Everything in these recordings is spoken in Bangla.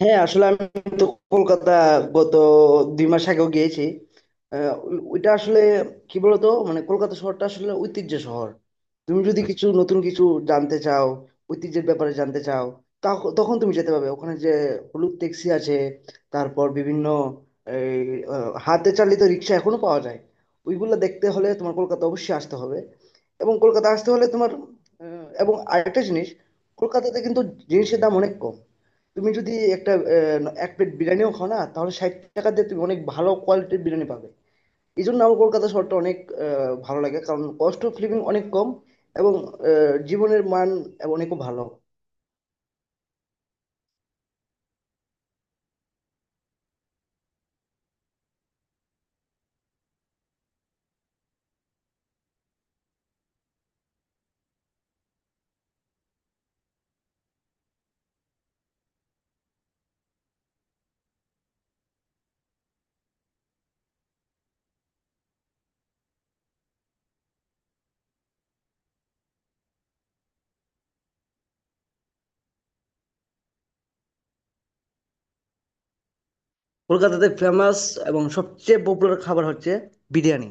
হ্যাঁ, আসলে আমি তো কলকাতা গত 2 মাস আগেও গিয়েছি। আহ, ওইটা আসলে কি বলতো, মানে কলকাতা শহরটা আসলে ঐতিহ্য শহর। তুমি যদি কিছু নতুন কিছু জানতে চাও, ঐতিহ্যের ব্যাপারে জানতে চাও, তখন তুমি যেতে পারবে, ওখানে যে হলুদ ট্যাক্সি আছে, তারপর বিভিন্ন এই, হাতে চালিত রিক্সা এখনো পাওয়া যায়। ওইগুলো দেখতে হলে তোমার কলকাতা অবশ্যই আসতে হবে। এবং কলকাতা আসতে হলে তোমার, এবং আরেকটা জিনিস, কলকাতাতে কিন্তু জিনিসের দাম অনেক কম। তুমি যদি একটা এক প্লেট বিরিয়ানিও খাও না, তাহলে 60 টাকা দিয়ে তুমি অনেক ভালো কোয়ালিটির বিরিয়ানি পাবে। এই জন্য আমার কলকাতা শহরটা অনেক ভালো লাগে, কারণ কস্ট অফ লিভিং অনেক কম। এবং জীবনের মান অনেক ভালো। কলকাতাতে ফেমাস এবং সবচেয়ে পপুলার খাবার হচ্ছে বিরিয়ানি।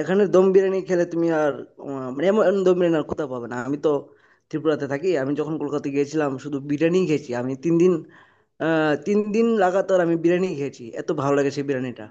এখানে দম বিরিয়ানি খেলে তুমি আর, মানে এমন দম বিরিয়ানি আর কোথাও পাবে না। আমি তো ত্রিপুরাতে থাকি, আমি যখন কলকাতা গিয়েছিলাম শুধু বিরিয়ানি খেয়েছি আমি 3 দিন। 3 দিন লাগাতার আমি বিরিয়ানি খেয়েছি, এত ভালো লাগে সেই বিরিয়ানিটা।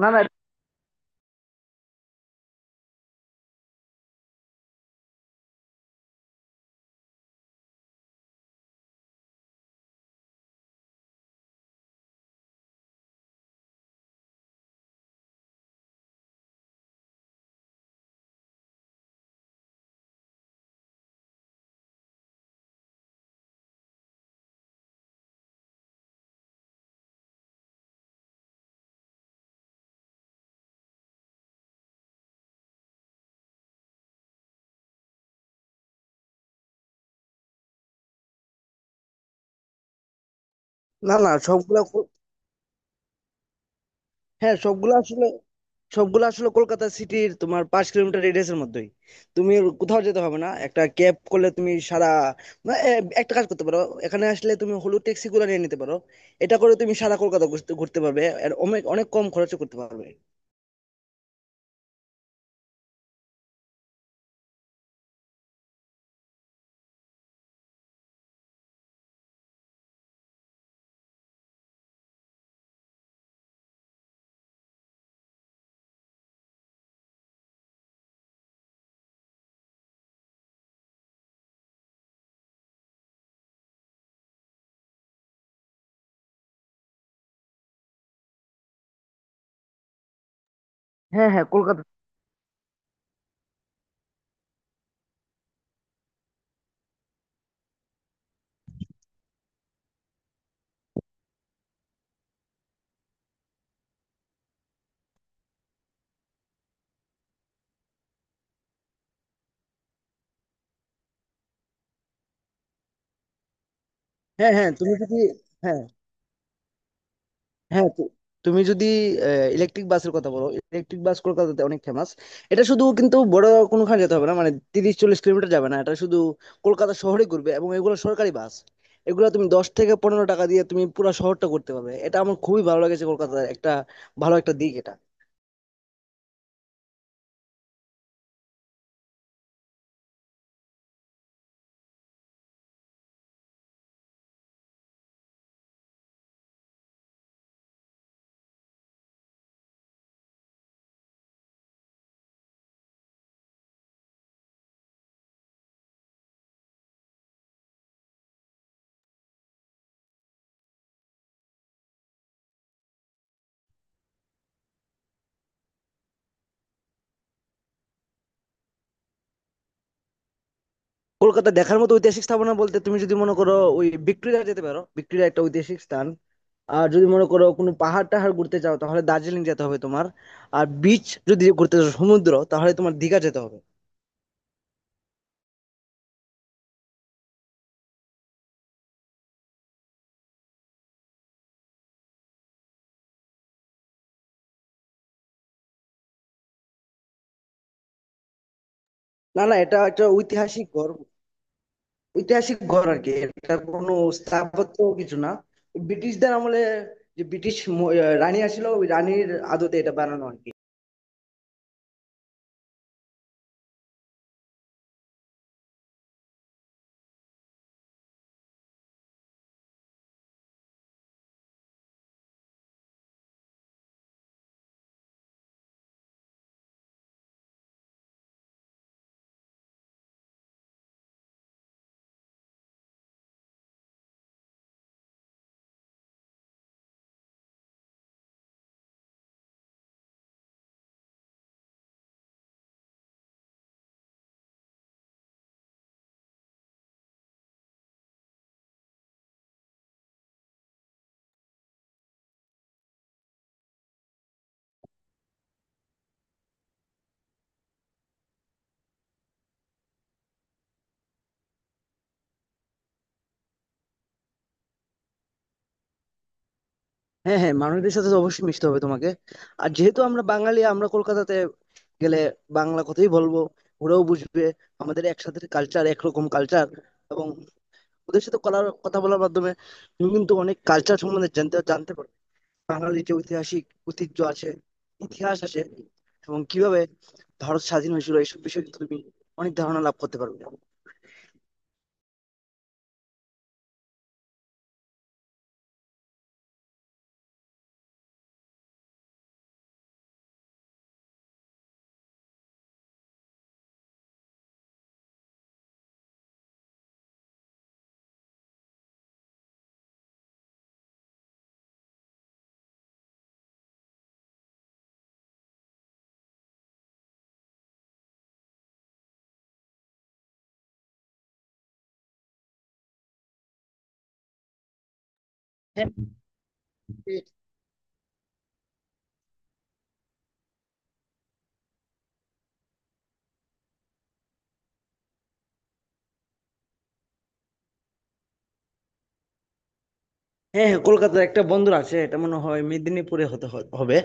না না, না না, সবগুলা হ্যাঁ, সবগুলা আসলে কলকাতা সিটির তোমার 5 কিলোমিটার রেডিয়াসের মধ্যেই। তুমি কোথাও যেতে হবে না, একটা ক্যাব করলে তুমি সারা, না, এ, একটা কাজ করতে পারো, এখানে আসলে তুমি হলুদ ট্যাক্সি গুলো নিয়ে নিতে পারো। এটা করে তুমি সারা কলকাতা ঘুরতে ঘুরতে পারবে আর অনেক অনেক কম খরচে করতে পারবে। হ্যাঁ হ্যাঁ, কলকাতা, হ্যাঁ হ্যাঁ তুমি যদি, হ্যাঁ হ্যাঁ তুমি যদি ইলেকট্রিক বাসের কথা বলো, ইলেকট্রিক বাস কলকাতাতে অনেক ফেমাস। এটা শুধু কিন্তু বড় কোনোখানে যেতে হবে না, মানে 30-40 কিলোমিটার যাবে না, এটা শুধু কলকাতা শহরে ঘুরবে এবং এগুলো সরকারি বাস। এগুলো তুমি 10 থেকে 15 টাকা দিয়ে তুমি পুরো শহরটা করতে পারবে, এটা আমার খুবই ভালো লেগেছে, কলকাতার একটা ভালো একটা দিক এটা। কলকাতা দেখার মতো ঐতিহাসিক স্থাপনা বলতে, তুমি যদি মনে করো, ওই ভিক্টোরিয়া যেতে পারো, ভিক্টোরিয়া একটা ঐতিহাসিক স্থান। আর যদি মনে করো কোনো পাহাড় টাহাড় ঘুরতে চাও তাহলে দার্জিলিং যেতে হবে তোমার। আর বিচ যদি ঘুরতে চাও, সমুদ্র, তাহলে তোমার দীঘা যেতে হবে। না না, এটা একটা ঐতিহাসিক ঘর। ঐতিহাসিক ঘর আর কি, এটা কোনো স্থাপত্য কিছু না। ব্রিটিশদের আমলে যে ব্রিটিশ ম- আহ রানী আসছিল, ওই রানীর আদতে এটা বানানো আর কি। হ্যাঁ হ্যাঁ, মানুষদের সাথে তো অবশ্যই মিশতে হবে তোমাকে। আর যেহেতু আমরা বাঙালি, আমরা কলকাতাতে গেলে বাংলা কথাই বলবো, ওরাও বুঝবে। আমাদের একসাথে কালচার, একরকম কালচার। এবং ওদের সাথে কথা বলার মাধ্যমে তুমি কিন্তু অনেক কালচার সম্বন্ধে জানতে জানতে পারবে। বাঙালির যে ঐতিহাসিক ঐতিহ্য আছে, ইতিহাস আছে, এবং কিভাবে ভারত স্বাধীন হয়েছিল, এইসব বিষয়ে কিন্তু তুমি অনেক ধারণা লাভ করতে পারবে। হ্যাঁ, হ্যাঁ, কলকাতার একটা বন্দর আছে, এটা মনে হয় মেদিনীপুরে হতে হবে।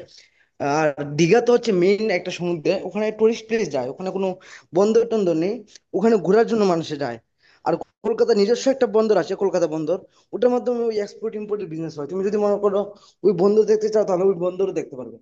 আর দীঘা তো হচ্ছে মেইন একটা সমুদ্রে, ওখানে টুরিস্ট প্লেস যায়, ওখানে কোনো বন্দর টন্দর নেই। ওখানে ঘোরার জন্য মানুষে যায়। আর কলকাতা নিজস্ব একটা বন্দর আছে, কলকাতা বন্দর। ওটার মাধ্যমে ওই এক্সপোর্ট ইম্পোর্টের বিজনেস হয়। তুমি যদি মনে করো ওই বন্দর দেখতে চাও, তাহলে ওই বন্দরও দেখতে পারবে।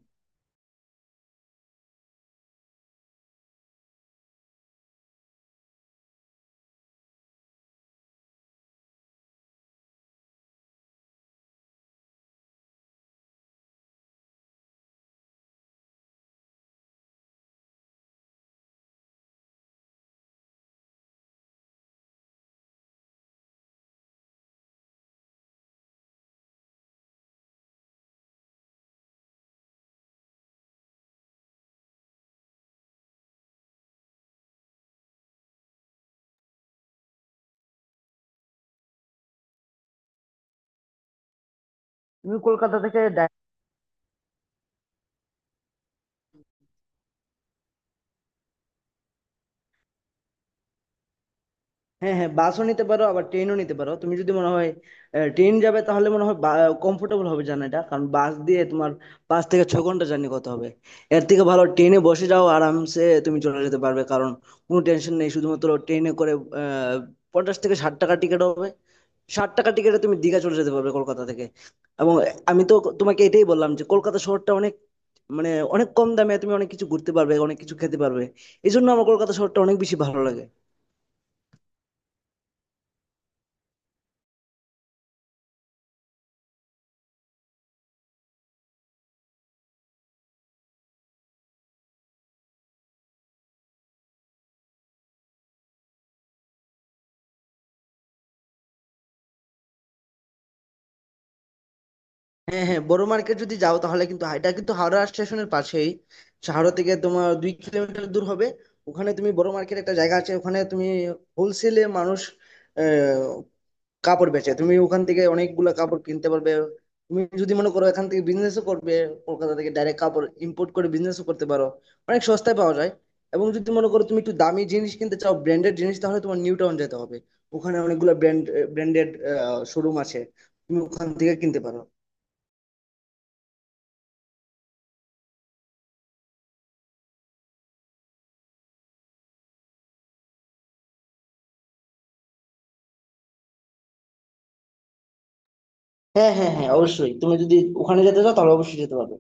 তুমি কলকাতা থেকে, হ্যাঁ হ্যাঁ, বাসও নিতে পারো আবার ট্রেনও নিতে পারো। তুমি যদি মনে হয় ট্রেন যাবে, তাহলে মনে হয় কমফোর্টেবল হবে জার্নিটা, কারণ বাস দিয়ে তোমার 5 থেকে 6 ঘন্টা জার্নি করতে হবে। এর থেকে ভালো ট্রেনে বসে যাও, আরামসে তুমি চলে যেতে পারবে, কারণ কোনো টেনশন নেই। শুধুমাত্র ট্রেনে করে আহ, 50 থেকে 60 টাকা টিকিট হবে। 60 টাকা টিকিটে তুমি দীঘা চলে যেতে পারবে কলকাতা থেকে। এবং আমি তো তোমাকে এটাই বললাম যে কলকাতা শহরটা অনেক, মানে অনেক কম দামে তুমি অনেক কিছু ঘুরতে পারবে, অনেক কিছু খেতে পারবে। এই জন্য আমার কলকাতা শহরটা অনেক বেশি ভালো লাগে। হ্যাঁ হ্যাঁ, বড় মার্কেট যদি যাও তাহলে কিন্তু, এটা কিন্তু হাওড়া স্টেশনের পাশেই। হাওড়া থেকে তোমার 2 কিলোমিটার দূর হবে। ওখানে তুমি বড় মার্কেট একটা জায়গা আছে, ওখানে তুমি হোলসেলে মানুষ আহ, কাপড় বেচে, তুমি ওখান থেকে অনেকগুলা কাপড় কিনতে পারবে। তুমি যদি মনে করো এখান থেকে বিজনেসও করবে, কলকাতা থেকে ডাইরেক্ট কাপড় ইম্পোর্ট করে বিজনেসও করতে পারো, অনেক সস্তায় পাওয়া যায়। এবং যদি মনে করো তুমি একটু দামি জিনিস কিনতে চাও, ব্র্যান্ডেড জিনিস, তাহলে তোমার নিউ টাউন যেতে হবে। ওখানে অনেকগুলো ব্র্যান্ডেড শোরুম আছে, তুমি ওখান থেকে কিনতে পারো। হ্যাঁ, হ্যাঁ, হ্যাঁ, অবশ্যই। তুমি যদি ওখানে যেতে চাও তাহলে অবশ্যই যেতে পারবে।